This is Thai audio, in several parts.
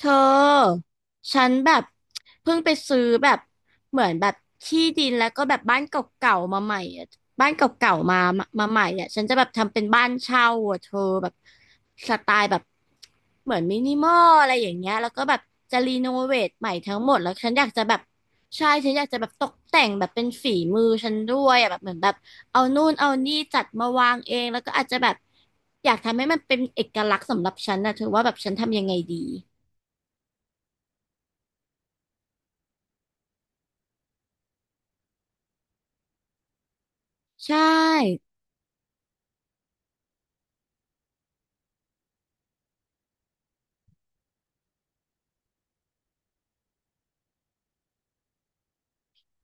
เธอฉันแบบเพิ่งไปซื้อแบบเหมือนแบบที่ดินแล้วก็แบบบ้านเก่าๆมาใหม่อะบ้านเก่าๆมาใหม่อ่ะฉันจะแบบทำเป็นบ้านเช่าอะเธอแบบสไตล์แบบเหมือนมินิมอลอะไรอย่างเงี้ยแล้วก็แบบจะรีโนเวทใหม่ทั้งหมดแล้วฉันอยากจะแบบใช่ฉันอยากจะแบบตกแต่งแบบเป็นฝีมือฉันด้วยอะแบบเหมือนแบบเอานู่นเอานี่จัดมาวางเองแล้วก็อาจจะแบบอยากทำให้มันเป็นเอกลักษณ์สำหรับฉันนะเธอว่าแบบฉันทำยังไงดี ใช่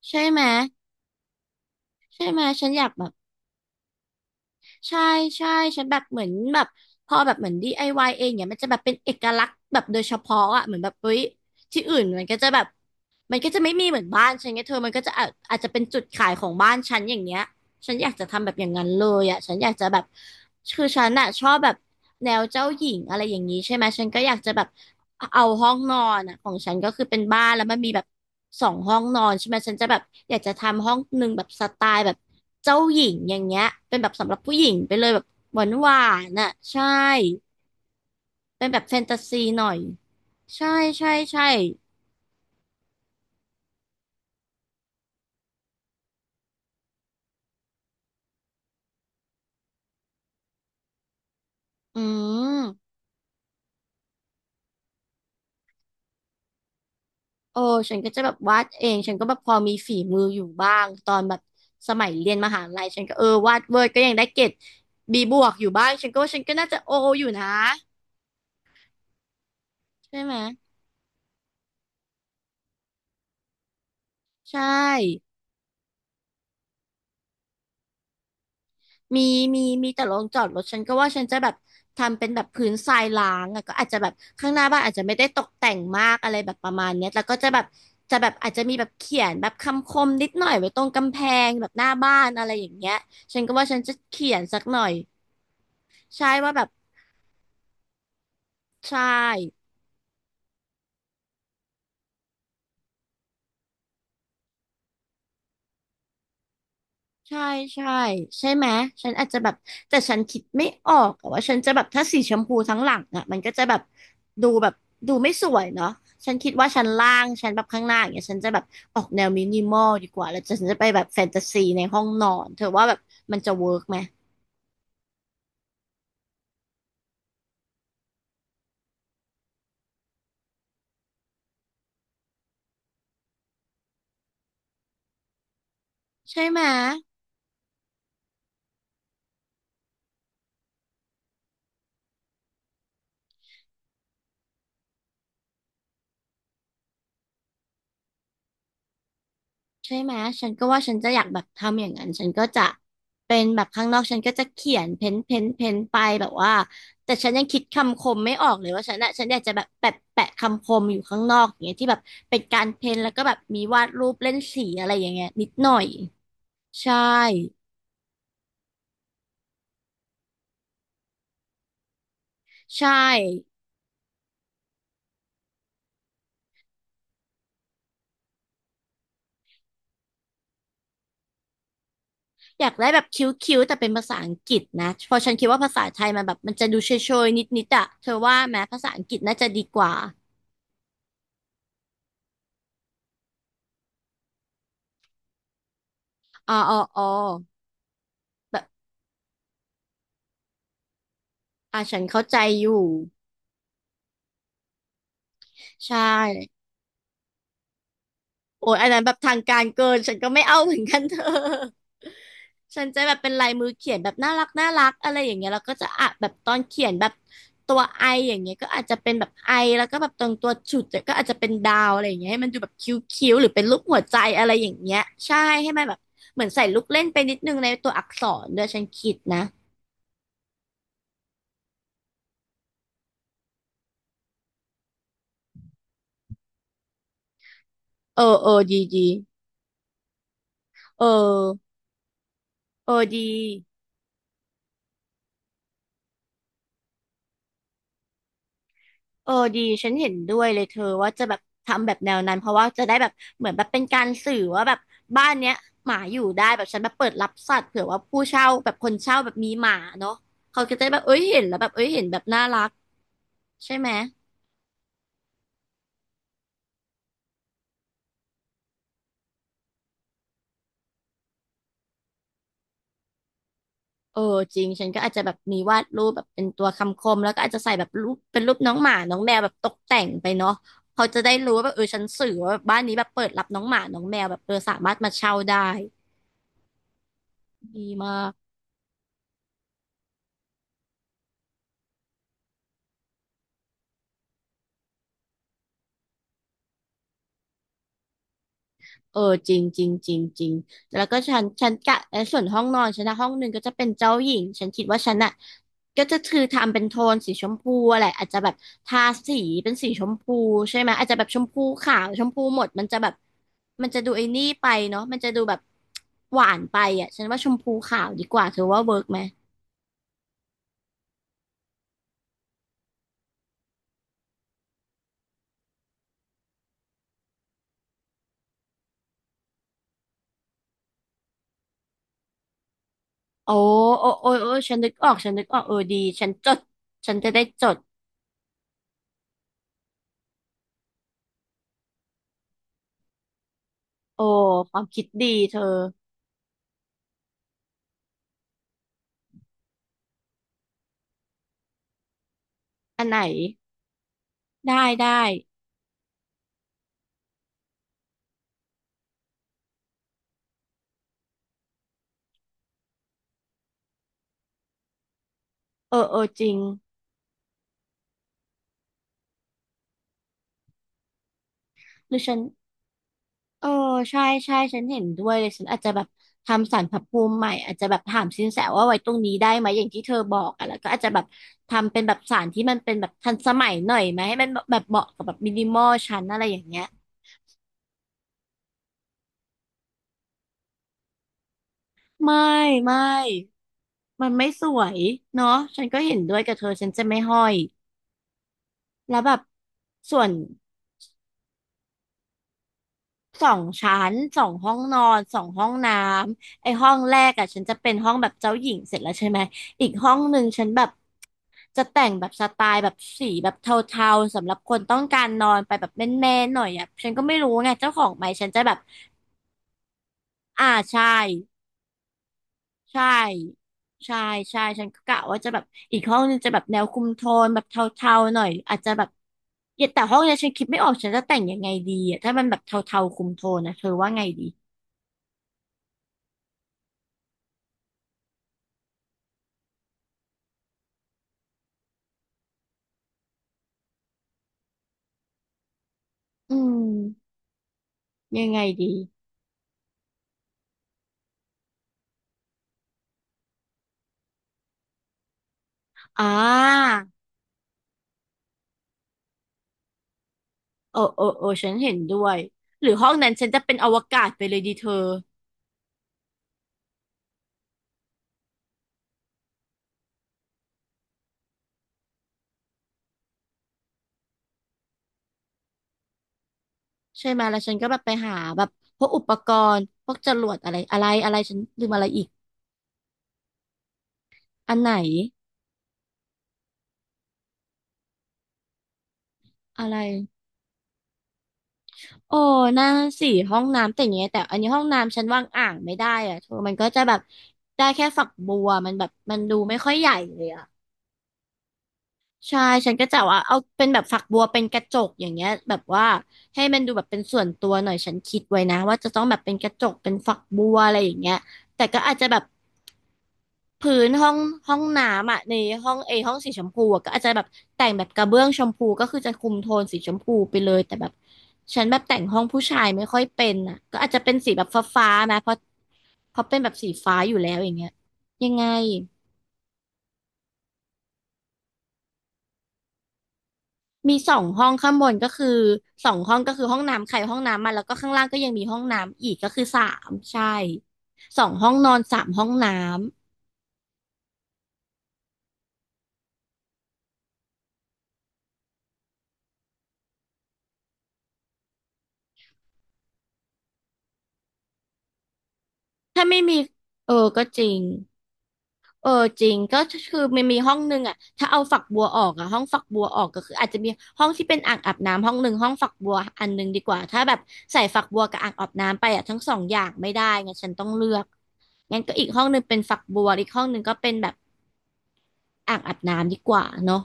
ใช่ไหมใช่ไหมฉันอยากแบบใช่ใช่ฉันแบบเหมือนแบบพอแบบเหมือน DIY เองเนี่ยมันจะแบบเป็นเอกลักษณ์แบบโดยเฉพาะอ่ะเหมือนแบบเฮ้ยที่อื่นมันก็จะแบบมันก็จะไม่มีเหมือนบ้านฉันไงเธอมันก็จะอาจจะเป็นจุดขายของบ้านฉันอย่างเงี้ยฉันอยากจะทำแบบอย่างนั้นเลยอ่ะฉันอยากจะแบบคือฉันอ่ะชอบแบบแนวเจ้าหญิงอะไรอย่างนี้ใช่ไหมฉันก็อยากจะแบบ เอาห้องนอนอ่ะของฉันก็คือเป็นบ้านแล้วมันมีแบบสองห้องนอนใช่ไหมฉันจะแบบอยากจะทำห้องหนึ่งแบบสไตล์แบบเจ้าหญิงอย่างเงี้ยเป็นแบบสำหรับผู้หญิงไปเลยแบบหวานหวานอ่ะใช่เป็นแบบแฟนตาซีหน่อยใช่ใช่อืมโอ้ฉันก็จะแบบวาดเองฉันก็แบบพอมีฝีมืออยู่บ้างตอนแบบสมัยเรียนมหาลัยฉันก็เออวาดเวิร์ดก็ยังได้เกรดบีบวกอยู่บ้างฉันก็ว่าฉันก็น่าจะโออยู่นะใช่ไหมใช่ มีมีแต่โรงจอดรถฉันก็ว่าฉันจะแบบทำเป็นแบบพื้นทรายล้างอะก็อาจจะแบบข้างหน้าบ้านอาจจะไม่ได้ตกแต่งมากอะไรแบบประมาณเนี้ยแล้วก็จะแบบอาจจะมีแบบเขียนแบบคำคมนิดหน่อยไว้ตรงกำแพงแบบหน้าบ้านอะไรอย่างเงี้ยฉันก็ว่าฉันจะเขียนสักหน่อยใช่ว่าแบบใช่ ใช่ใช่ใช่ไหมฉันอาจจะแบบแต่ฉันคิดไม่ออกอะว่าฉันจะแบบถ้าสีชมพูทั้งหลังอ่ะมันก็จะแบบดูแบบดูไม่สวยเนาะฉันคิดว่าชั้นล่างชั้นแบบข้างหน้าอย่างเงี้ยฉันจะแบบออกแนวมินิมอลดีกว่าแล้วฉันจะไปแบบแฟนตาซีในห้องนอนเธอว่าแบบมันจะเวิร์กไหมใช่ไหม ใช่ไหมฉันก็ว่าฉันจะอยากแบบทำอย่างนั้นฉันก็จะเป็นแบบข้างนอกฉันก็จะเขียนเพ้นไปแบบว่าแต่ฉันยังคิดคำคมไม่ออกเลยว่าฉันอะฉันอยากจะแบบแปะคำคมอยู่ข้างนอกอย่างเงี้ยที่แบบเป็นการเพ้นแล้วก็แบบมีวาดรูปเล่นสีอะไรอย่างเงี้ยนิดหน่อยใช่ใช่อยากได้แบบคิ้วๆแต่เป็นภาษาอังกฤษนะเพราะฉันคิดว่าภาษาไทยมันแบบมันจะดูเชยๆนิดๆอะเธอว่าไหมภาษาอังกฤษน่าจะดีกว่าอ๋อแบบอ่ะฉันเข้าใจอยู่ ใช่โอ้ยอันนั้นแบบทางการเกินฉันก็ไม่เอาเหมือนกันเธอฉันจะแบบเป็นลายมือเขียนแบบน่ารักน่ารักอะไรอย่างเงี้ยแล้วก็จะอ่ะแบบตอนเขียนแบบตัวไออย่างเงี้ยก็อาจจะเป็นแบบไอแล้วก็แบบตรงตัวฉุดเนี่ยก็อาจจะเป็นดาวอะไรอย่างเงี้ยให้มันดูแบบคิ้วๆหรือเป็นรูปหัวใจอะไรอย่างเงี้ยใช่ให้มันแบบเหมือนใส่ลูกเล่นไปนิดนึงในตัวอักษรด้วยฉันคิดนะเออดีเอออดี เออดีฉันเห็นด้วยเลยเธอว่าจะแบบทำแบบแนวนั้นเพราะว่าจะได้แบบเหมือนแบบเป็นการสื่อว่าแบบบ้านเนี้ยหมาอยู่ได้แบบฉันแบบเปิดรับสัตว์เผื่อว่าผู้เช่าแบบคนเช่าแบบมีหมาเนาะเขาก็จะได้แบบเอ้ยเห็นแล้วแบบเอ้ยเห็นแบบน่ารักใช่ไหมเออจริงฉันก็อาจจะแบบมีวาดรูปแบบเป็นตัวคำคมแล้วก็อาจจะใส่แบบรูปเป็นรูปน้องหมาน้องแมวแบบตกแต่งไปเนาะเขาจะได้รู้ว่าแบบเออฉันสื่อว่าแบบบ้านนี้แบบเปิดรับน้องหมาน้องแมวแบบเออสามารถมาเช่าได้ดีมาก เออจริงจริงแล้วก็ฉันกะและส่วนห้องนอนฉันนะห้องหนึ่งก็จะเป็นเจ้าหญิงฉันคิดว่าฉันอ่ะก็จะคือทำเป็นโทนสีชมพูอะไรอาจจะแบบทาสีเป็นสีชมพูใช่ไหมอาจจะแบบชมพูขาวชมพูหมดมันจะแบบมันจะดูไอ้นี่ไปเนาะมันจะดูแบบหวานไปอ่ะฉันว่าชมพูขาวดีกว่าเธอว่าเวิร์กไหมโอ้โอ้ฉันนึกออกฉันนึกออกเออดีฉันจดฉันจะได้จดโอ้ความคิดดีเธออันไหนได้ได้ เออเออจริงหรือฉันเออใช่ใช่ฉันเห็นด้วยเลยฉันอาจจะแบบทำศาลพระภูมิใหม่อาจจะแบบถามสินแสว่าไว้ตรงนี้ได้ไหมอย่างที่เธอบอกอะแล้วก็อาจจะแบบทำเป็นแบบศาลที่มันเป็นแบบทันสมัยหน่อยไหมให้มันแบบเหมาะกับแบบมินิมอลฉันอะไรอย่างเงี้ยไม่ไม่มันไม่สวยเนาะฉันก็เห็นด้วยกับเธอฉันจะไม่ห้อยแล้วแบบส่วน สองชั้นสองห้องนอนสองห้องน้ำไอห้องแรกอะฉันจะเป็นห้องแบบเจ้าหญิงเสร็จแล้วใช่ไหมอีกห้องหนึ่งฉันแบบจะแต่งแบบสไตล์แบบสีแบบเทาๆสำหรับคนต้องการนอนไปแบบแมนๆหน่อยอะฉันก็ไม่รู้ไงเจ้าของไหมฉันจะแบบอ่าใช่ใช่ใช่ใช่ฉันก็กะว่าจะแบบอีกห้องนึงจะแบบแนวคุมโทนแบบเทาๆหน่อยอาจจะแบบเย็นแต่ห้องเนี้ยฉันคิดไม่ออกฉันจะแต่งยังไงดีอ่ะถ้ามันแบบเทาๆคุมโทนนะเธอว่าไงดีอืม ยังไงดีอ่าโอ้ฉันเห็นด้วย หรือห้องนั้นฉันจะเป็นอวกาศไปเลยดีเธอใช่ไหมแล้วฉันก็แบบไปหาแบบพวกอุปกรณ์พวกจรวดอะไรอะไรอะไรฉันลืมอะไรอีกอันไหนอะไรโอ้น่าสิห้องน้ำแต่อย่างเงี้ยแต่อันนี้ห้องน้ำฉันวางอ่างไม่ได้อะเธอมันก็จะแบบได้แค่ฝักบัวมันแบบมันดูไม่ค่อยใหญ่เลยอะ ใช่ฉันก็จะว่าเอาเป็นแบบฝักบัวเป็นกระจกอย่างเงี้ยแบบว่าให้มันดูแบบเป็นส่วนตัวหน่อยฉันคิดไว้นะว่าจะต้องแบบเป็นกระจกเป็นฝักบัวอะไรอย่างเงี้ยแต่ก็อาจจะแบบพื้นห้องน้ำอ่ะในห้องเอห้องสีชมพูอะก็อาจจะแบบแต่งแบบกระเบื้องชมพูก็คือจะคุมโทนสีชมพูไปเลยแต่แบบฉันแบบแต่งห้องผู้ชายไม่ค่อยเป็นอ่ะก็อาจจะเป็นสีแบบฟ้าๆนะเพราะเป็นแบบสีฟ้าอยู่แล้วอย่างเงี้ยยังไง มีสองห้องข้างบนก็คือสองห้องก็คือห้องน้ำใครห้องน้ำมันแล้วก็ข้างล่างก็ยังมีห้องน้ำอีกก็คือสามใช่สองห้องนอนสามห้องน้ำถ้าไม่มีเออก็จริงเออจริงก็คือมันมีห้องหนึ่งอ่ะถ้าเอาฝักบัวออกอ่ะห้องฝักบัวออกก็คืออาจจะมีห้องที่เป็นอ่างอาบน้ำห้องหนึ่งห้องฝักบัวอันหนึ่งดีกว่าถ้าแบบใส่ฝักบัวกับอ่างอาบน้ำไปอ่ะทั้งสองอย่างไม่ได้ไงฉันต้องเลือกงั้นก็อีกห้องหนึ่งเป็นฝักบัวอีกห้องหนึ่งก็เป็นแบบอ่างอาบน้ำดีกว่าเนาะ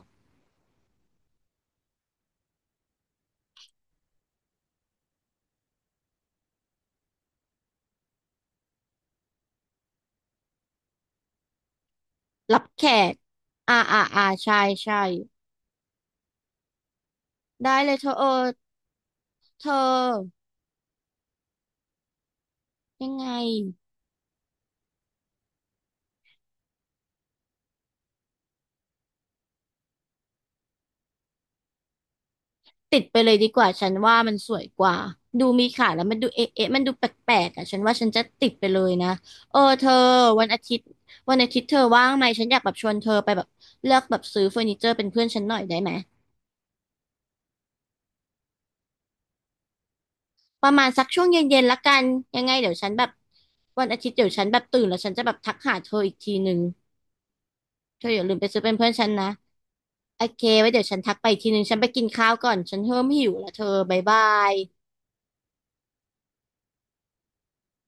รับแขกอ่าใช่ใช่ได้เลยเธอเออเธอยังไง ติดไปเลยดีกว่า ฉันว่ามันสวยกว่า ดูมีขาแล้วมันดูเอ๊ะมันดูแปลกๆอ่ะฉันว่าฉันจะติดไปเลยนะเออเธอวันอาทิตย์วันอาทิตย์เธอว่างไหมฉันอยากแบบชวนเธอไปแบบเลือกแบบซื้อเฟอร์นิเจอร์เป็นเพื่อนฉันหน่อยได้ไหมประมาณสักช่วงเย็นๆละกันยังไงเดี๋ยวฉันแบบวันอาทิตย์เดี๋ยวฉันแบบตื่นแล้วฉันจะแบบทักหาเธออีกทีนึงเธออย่าลืมไปซื้อเป็นเพื่อนฉันนะ โอเคไว้เดี๋ยวฉันทักไปอีกทีนึง ฉันไปกินข้าวก่อน ฉันเริ่มหิวแล้วเธอบ๊ายบาย